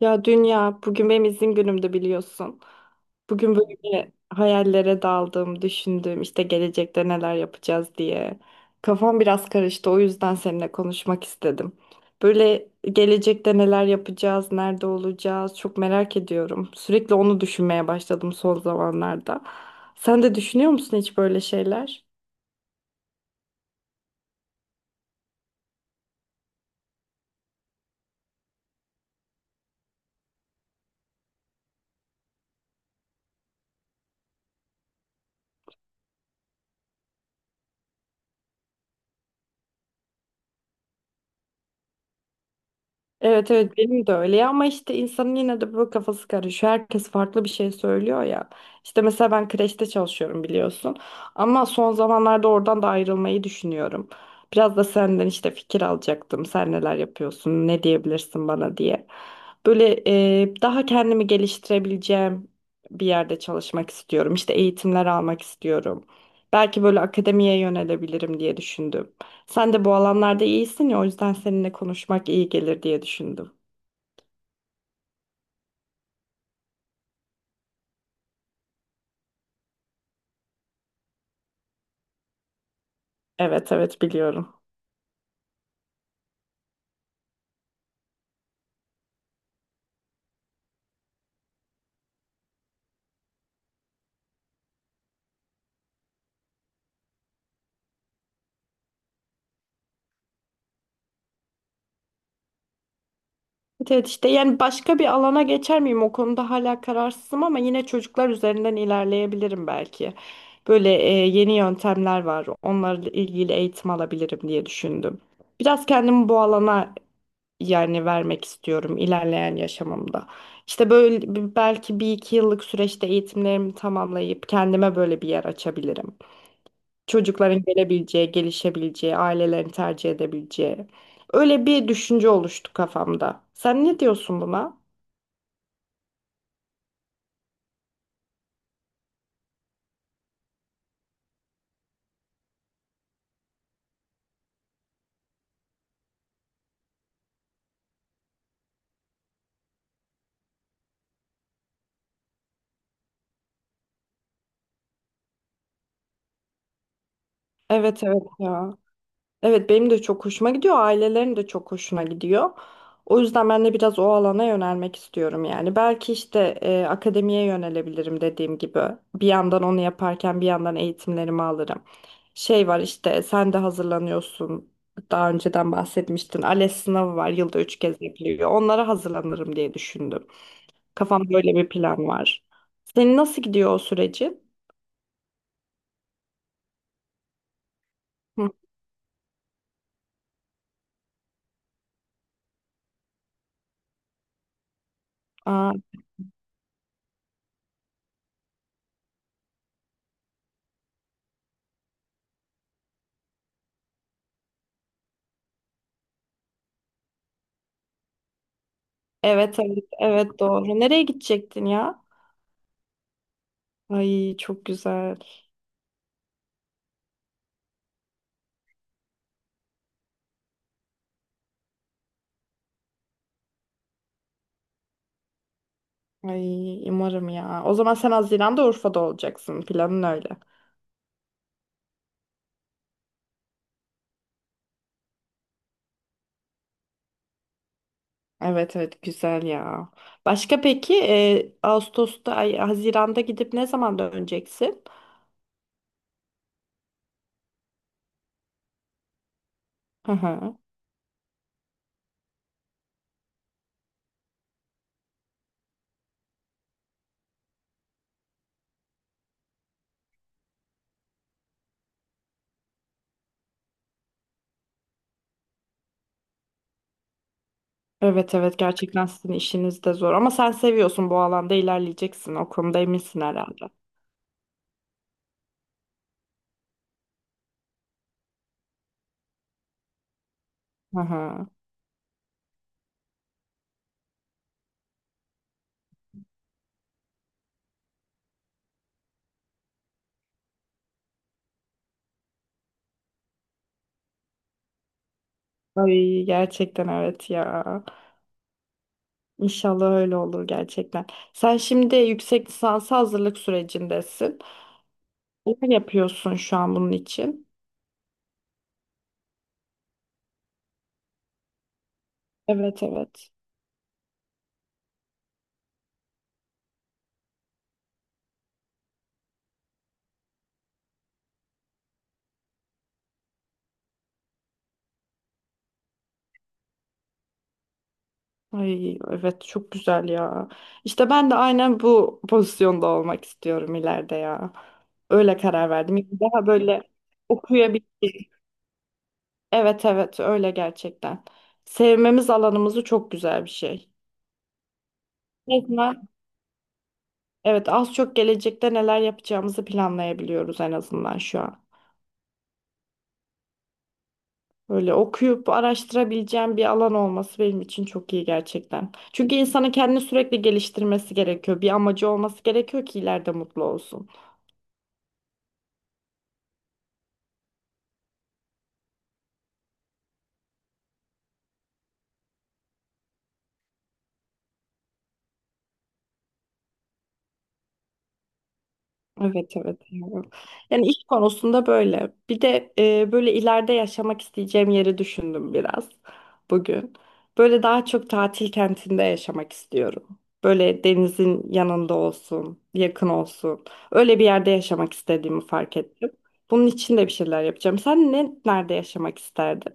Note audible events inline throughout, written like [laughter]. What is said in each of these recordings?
Ya dünya bugün benim izin günümdü biliyorsun. Bugün böyle hayallere daldım, düşündüm işte gelecekte neler yapacağız diye. Kafam biraz karıştı o yüzden seninle konuşmak istedim. Böyle gelecekte neler yapacağız, nerede olacağız çok merak ediyorum. Sürekli onu düşünmeye başladım son zamanlarda. Sen de düşünüyor musun hiç böyle şeyler? Evet evet benim de öyle ya ama işte insanın yine de böyle kafası karışıyor. Herkes farklı bir şey söylüyor ya. İşte mesela ben kreşte çalışıyorum biliyorsun. Ama son zamanlarda oradan da ayrılmayı düşünüyorum. Biraz da senden işte fikir alacaktım. Sen neler yapıyorsun, ne diyebilirsin bana diye. Böyle daha kendimi geliştirebileceğim bir yerde çalışmak istiyorum. İşte eğitimler almak istiyorum. Belki böyle akademiye yönelebilirim diye düşündüm. Sen de bu alanlarda iyisin ya o yüzden seninle konuşmak iyi gelir diye düşündüm. Evet evet biliyorum. Evet, evet işte yani başka bir alana geçer miyim o konuda hala kararsızım ama yine çocuklar üzerinden ilerleyebilirim belki. Böyle yeni yöntemler var onlarla ilgili eğitim alabilirim diye düşündüm. Biraz kendimi bu alana yani vermek istiyorum ilerleyen yaşamımda. İşte böyle belki bir iki yıllık süreçte eğitimlerimi tamamlayıp kendime böyle bir yer açabilirim. Çocukların gelebileceği, gelişebileceği, ailelerin tercih edebileceği. Öyle bir düşünce oluştu kafamda. Sen ne diyorsun buna? Evet evet ya. Evet benim de çok hoşuma gidiyor. Ailelerin de çok hoşuna gidiyor. O yüzden ben de biraz o alana yönelmek istiyorum yani. Belki işte akademiye yönelebilirim dediğim gibi. Bir yandan onu yaparken bir yandan eğitimlerimi alırım. Şey var işte sen de hazırlanıyorsun. Daha önceden bahsetmiştin. ALES sınavı var. Yılda 3 kez yapılıyor. Onlara hazırlanırım diye düşündüm. Kafamda böyle bir plan var. Senin nasıl gidiyor o süreci? Hı. Aa, evet evet evet doğru. Nereye gidecektin ya? Ay çok güzel. Ay umarım ya. O zaman sen Haziran'da Urfa'da olacaksın. Planın öyle. Evet evet güzel ya. Başka peki Ağustos'ta ay Haziran'da gidip ne zaman döneceksin? Hı hı. Evet evet gerçekten sizin işiniz de zor ama sen seviyorsun bu alanda ilerleyeceksin. O konuda eminsin herhalde. Hı hı. Ay gerçekten evet ya. İnşallah öyle olur gerçekten. Sen şimdi yüksek lisansa hazırlık sürecindesin. Ne yapıyorsun şu an bunun için? Evet evet. Ay evet çok güzel ya. İşte ben de aynen bu pozisyonda olmak istiyorum ileride ya. Öyle karar verdim. Yani daha böyle okuyabildiğim. Evet evet öyle gerçekten. Sevmemiz alanımızı çok güzel bir şey. Resmen evet az çok gelecekte neler yapacağımızı planlayabiliyoruz en azından şu an. Böyle okuyup araştırabileceğim bir alan olması benim için çok iyi gerçekten. Çünkü insanın kendini sürekli geliştirmesi gerekiyor. Bir amacı olması gerekiyor ki ileride mutlu olsun. Evet evet. Evet. Yani iş konusunda böyle. Bir de böyle ileride yaşamak isteyeceğim yeri düşündüm biraz bugün. Böyle daha çok tatil kentinde yaşamak istiyorum. Böyle denizin yanında olsun, yakın olsun. Öyle bir yerde yaşamak istediğimi fark ettim. Bunun için de bir şeyler yapacağım. Sen ne nerede yaşamak isterdin?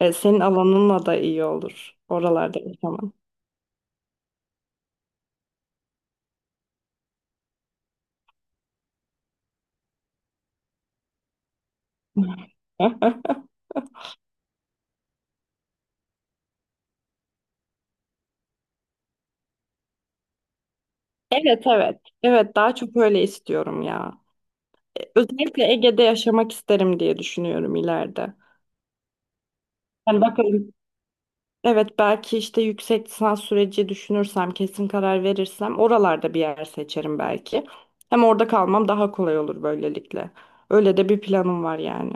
E, senin alanınla da iyi olur. Oralarda yaşaman. [laughs] Evet evet. Evet daha çok öyle istiyorum ya. Özellikle Ege'de yaşamak isterim diye düşünüyorum ileride. Yani bakalım. Evet belki işte yüksek lisans süreci düşünürsem, kesin karar verirsem oralarda bir yer seçerim belki. Hem orada kalmam daha kolay olur böylelikle. Öyle de bir planım var yani.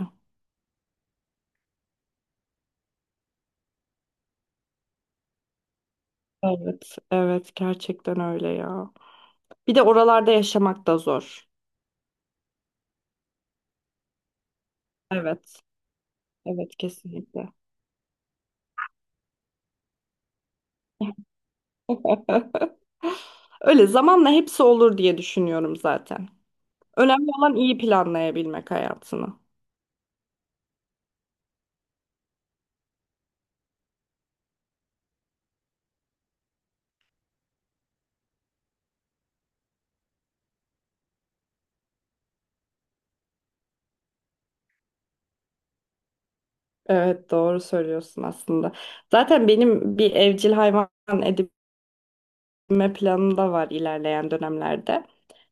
Evet, evet gerçekten öyle ya. Bir de oralarda yaşamak da zor. Evet, evet kesinlikle. [laughs] Öyle zamanla hepsi olur diye düşünüyorum zaten. Önemli olan iyi planlayabilmek hayatını. Evet doğru söylüyorsun aslında. Zaten benim bir evcil hayvan edinme planım da var ilerleyen dönemlerde.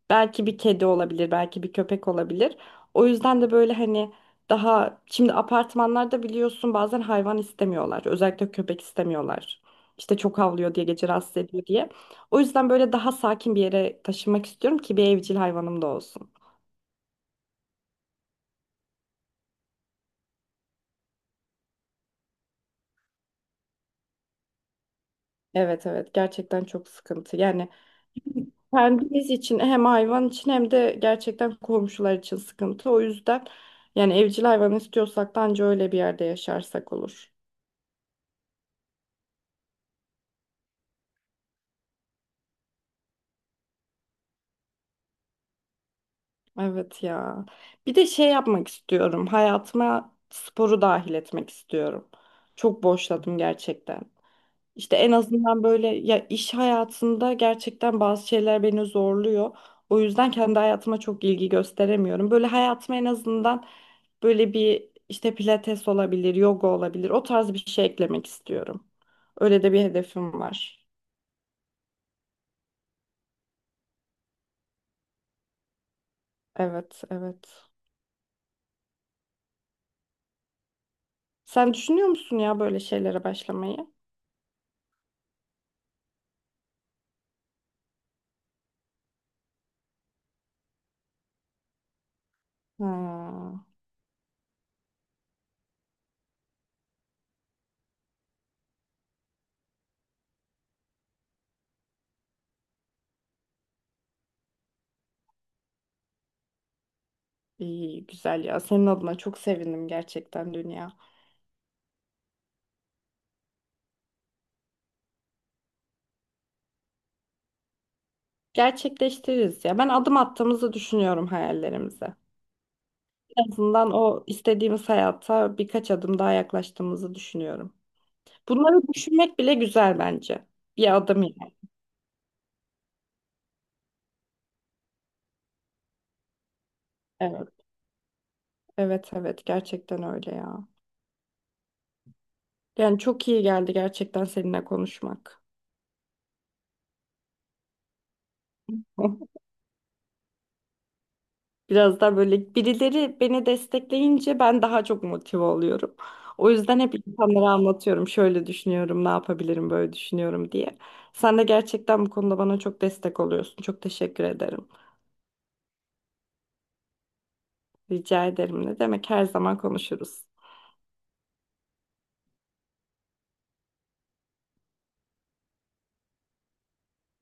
Belki bir kedi olabilir, belki bir köpek olabilir. O yüzden de böyle hani daha şimdi apartmanlarda biliyorsun bazen hayvan istemiyorlar. Özellikle köpek istemiyorlar. İşte çok havlıyor diye gece rahatsız ediyor diye. O yüzden böyle daha sakin bir yere taşınmak istiyorum ki bir evcil hayvanım da olsun. Evet evet gerçekten çok sıkıntı. Yani kendimiz için hem hayvan için hem de gerçekten komşular için sıkıntı. O yüzden yani evcil hayvan istiyorsak da anca öyle bir yerde yaşarsak olur. Evet ya. Bir de şey yapmak istiyorum. Hayatıma sporu dahil etmek istiyorum. Çok boşladım gerçekten. İşte en azından böyle ya iş hayatında gerçekten bazı şeyler beni zorluyor. O yüzden kendi hayatıma çok ilgi gösteremiyorum. Böyle hayatıma en azından böyle bir işte pilates olabilir, yoga olabilir. O tarz bir şey eklemek istiyorum. Öyle de bir hedefim var. Evet, evet. Sen düşünüyor musun ya böyle şeylere başlamayı? Ha, iyi, güzel ya. Senin adına çok sevindim gerçekten dünya. Gerçekleştiririz ya. Ben adım attığımızı düşünüyorum hayallerimize. En azından o istediğimiz hayata birkaç adım daha yaklaştığımızı düşünüyorum. Bunları düşünmek bile güzel bence. Bir adım yani. Evet, evet, evet. Gerçekten öyle ya. Yani çok iyi geldi gerçekten seninle konuşmak. [laughs] Biraz daha böyle birileri beni destekleyince ben daha çok motive oluyorum. O yüzden hep insanlara anlatıyorum. Şöyle düşünüyorum, ne yapabilirim, böyle düşünüyorum diye. Sen de gerçekten bu konuda bana çok destek oluyorsun. Çok teşekkür ederim. Rica ederim. Ne demek her zaman konuşuruz.